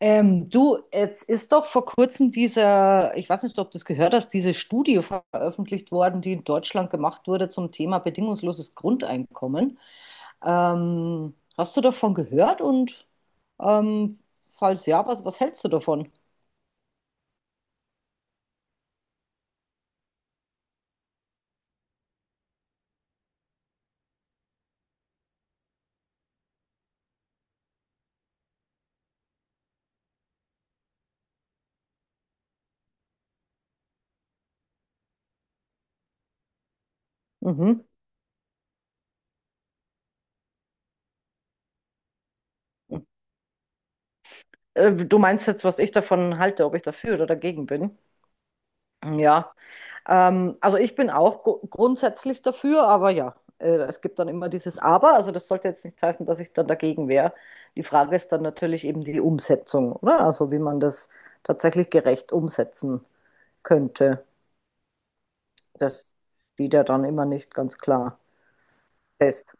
Du, jetzt ist doch vor kurzem dieser, ich weiß nicht, ob du das gehört hast, diese Studie veröffentlicht worden, die in Deutschland gemacht wurde zum Thema bedingungsloses Grundeinkommen. Hast du davon gehört und ähm, falls ja, was hältst du davon? Mhm. Du meinst jetzt, was ich davon halte, ob ich dafür oder dagegen bin? Ja. Also ich bin auch grundsätzlich dafür, aber ja, es gibt dann immer dieses Aber. Also das sollte jetzt nicht heißen, dass ich dann dagegen wäre. Die Frage ist dann natürlich eben die Umsetzung, oder? Also wie man das tatsächlich gerecht umsetzen könnte. Das steht ja dann immer nicht ganz klar fest.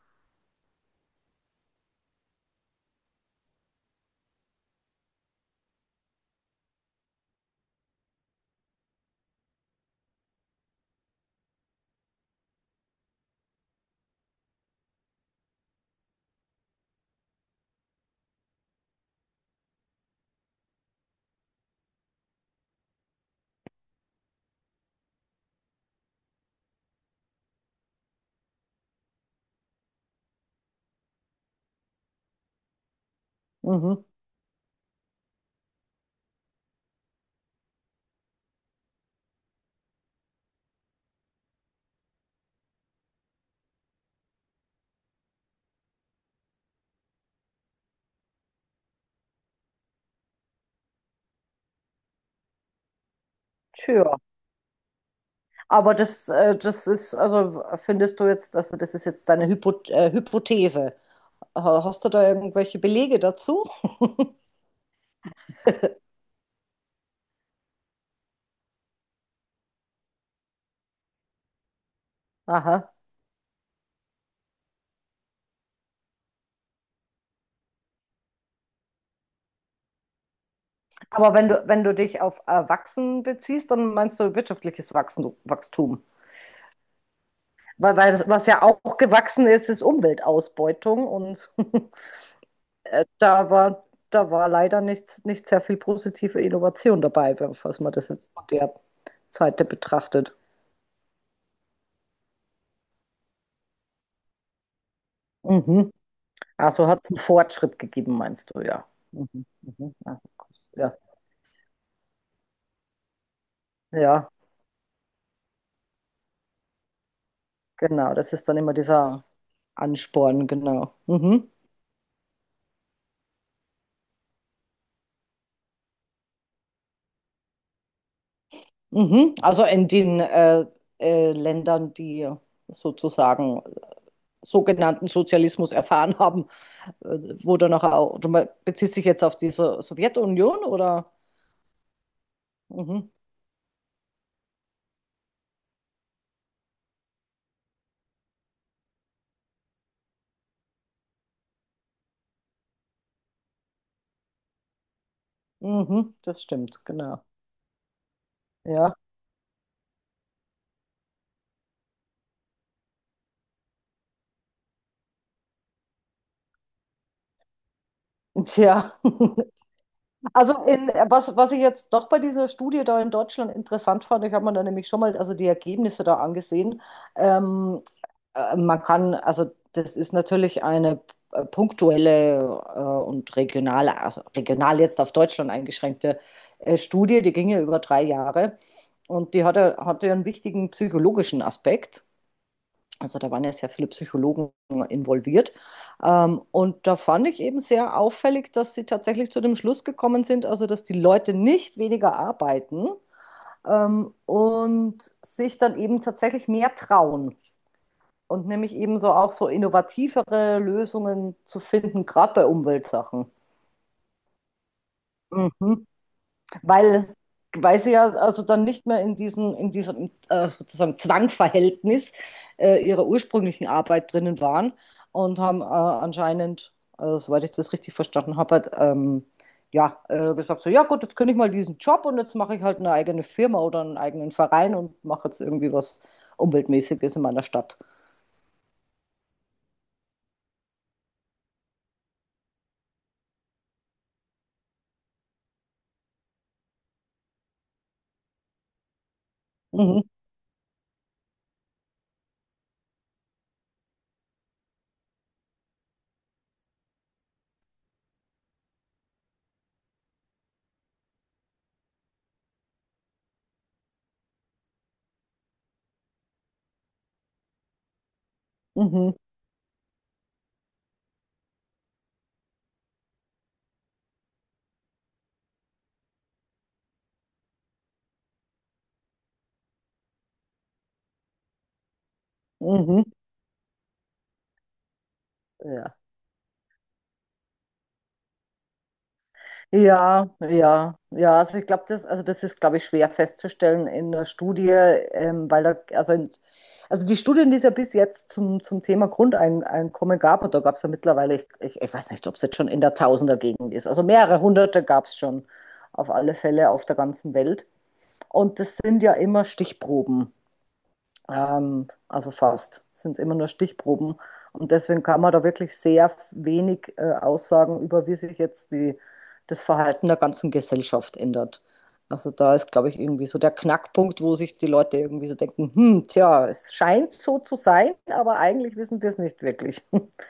Mhm. Tja, aber das ist, also findest du jetzt, also das ist jetzt deine Hypothese. Hast du da irgendwelche Belege dazu? Aha. Aber wenn du dich auf Wachsen beziehst, dann meinst du wirtschaftliches Wachsen, Wachstum. Weil das, was ja auch gewachsen ist, ist Umweltausbeutung. Und da war, da war leider nicht sehr viel positive Innovation dabei, falls man das jetzt von der Seite betrachtet. Mhm. Also hat es einen Fortschritt gegeben, meinst du, ja. Mhm. Mhm. Ah, ja, ja, genau. Das ist dann immer dieser Ansporn, genau. Mhm. Mhm. Also in den Ländern, die sozusagen sogenannten Sozialismus erfahren haben, äh, wo dann auch, beziehst dich jetzt auf die so Sowjetunion oder? Mhm. Mhm. Das stimmt, genau. Ja. Tja. Also in, was, was ich jetzt doch bei dieser Studie da in Deutschland interessant fand, ich habe mir da nämlich schon mal also die Ergebnisse da angesehen. Ähm, Man kann, also das ist natürlich eine punktuelle und regionale, also regional jetzt auf Deutschland eingeschränkte Studie, die ging ja über 3 Jahre und die hatte einen wichtigen psychologischen Aspekt. Also da waren ja sehr viele Psychologen involviert. Und da fand ich eben sehr auffällig, dass sie tatsächlich zu dem Schluss gekommen sind, also dass die Leute nicht weniger arbeiten und sich dann eben tatsächlich mehr trauen und nämlich eben so auch so innovativere Lösungen zu finden, gerade bei Umweltsachen. Mhm. Weil, weil sie ja also dann nicht mehr in diesem sozusagen Zwangverhältnis ihrer ursprünglichen Arbeit drinnen waren und haben anscheinend, also, soweit ich das richtig verstanden habe, halt, ja, gesagt so, ja gut, jetzt kündige ich mal diesen Job und jetzt mache ich halt eine eigene Firma oder einen eigenen Verein und mache jetzt irgendwie was Umweltmäßiges in meiner Stadt. Mhm, mhm, mhm. Ja. Ja, ja, ja. Also ich glaube, das, also das ist, glaube ich, schwer festzustellen in der Studie, weil da, also, in, also die Studien, die es ja bis jetzt zum Thema Grundeinkommen gab, und da gab es ja mittlerweile, ich weiß nicht, ob es jetzt schon in der Tausendergegend ist, also mehrere hunderte gab es schon auf alle Fälle auf der ganzen Welt. Und das sind ja immer Stichproben. Also fast. Sind immer nur Stichproben. Und deswegen kann man da wirklich sehr wenig aussagen über, wie sich jetzt die, das Verhalten der ganzen Gesellschaft ändert. Also da ist, glaube ich, irgendwie so der Knackpunkt, wo sich die Leute irgendwie so denken, hm, tja, es scheint so zu sein, aber eigentlich wissen wir es nicht wirklich.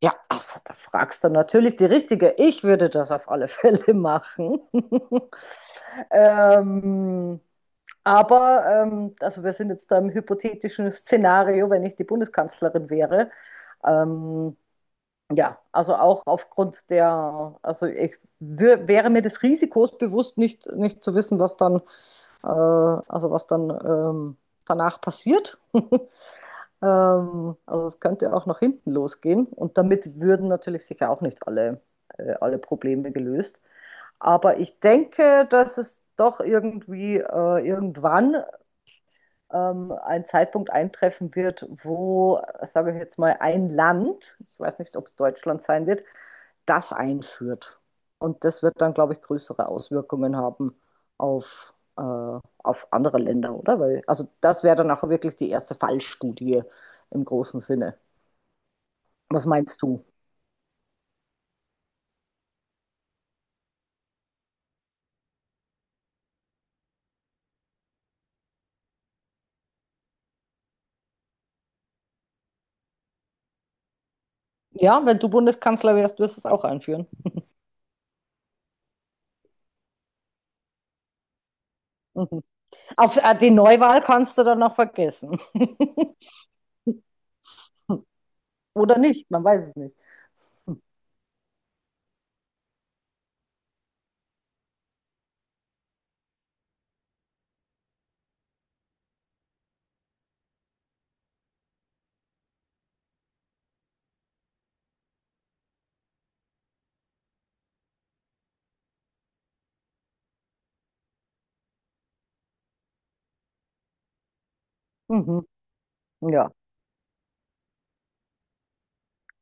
Ja, also da fragst du natürlich die Richtige. Ich würde das auf alle Fälle machen. ähm, Aber, also wir sind jetzt da im hypothetischen Szenario, wenn ich die Bundeskanzlerin wäre. Ähm, ja, also auch aufgrund der, also ich wäre mir des Risikos bewusst, nicht zu wissen, was dann, also was dann danach passiert. Also es könnte auch nach hinten losgehen. Und damit würden natürlich sicher auch nicht alle, alle Probleme gelöst. Aber ich denke, dass es doch irgendwie irgendwann ein Zeitpunkt eintreffen wird, wo, sage ich jetzt mal, ein Land, ich weiß nicht, ob es Deutschland sein wird, das einführt. Und das wird dann, glaube ich, größere Auswirkungen haben auf, äh, auf andere Länder, oder? Weil, also das wäre dann auch wirklich die erste Fallstudie im großen Sinne. Was meinst du? Ja, wenn du Bundeskanzler wärst, wirst du es auch einführen. Mhm. Auf, die Neuwahl kannst du dann noch vergessen. Oder nicht, man weiß es nicht. Mhm. Ja,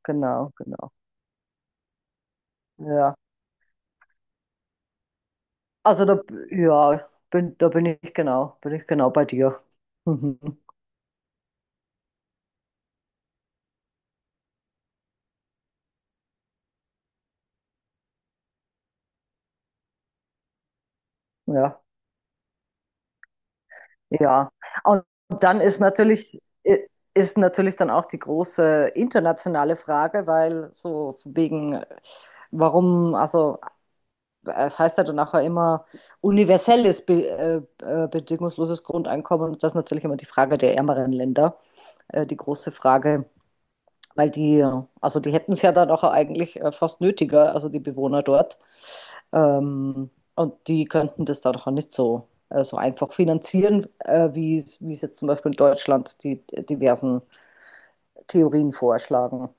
genau, genau. Ja. Also da, ja, da bin ich genau bei dir. Mhm. Ja, ja. Und dann ist natürlich, i- ist natürlich dann auch die große internationale Frage, weil so wegen, warum, also es heißt ja dann auch ja immer universelles, be bedingungsloses Grundeinkommen und das ist natürlich immer die Frage der ärmeren Länder, die große Frage. Weil die, also die hätten es ja dann auch eigentlich fast nötiger, also die Bewohner dort. Ähm, und die könnten das dann auch nicht so, so einfach finanzieren, wie es jetzt zum Beispiel in Deutschland die diversen Theorien vorschlagen.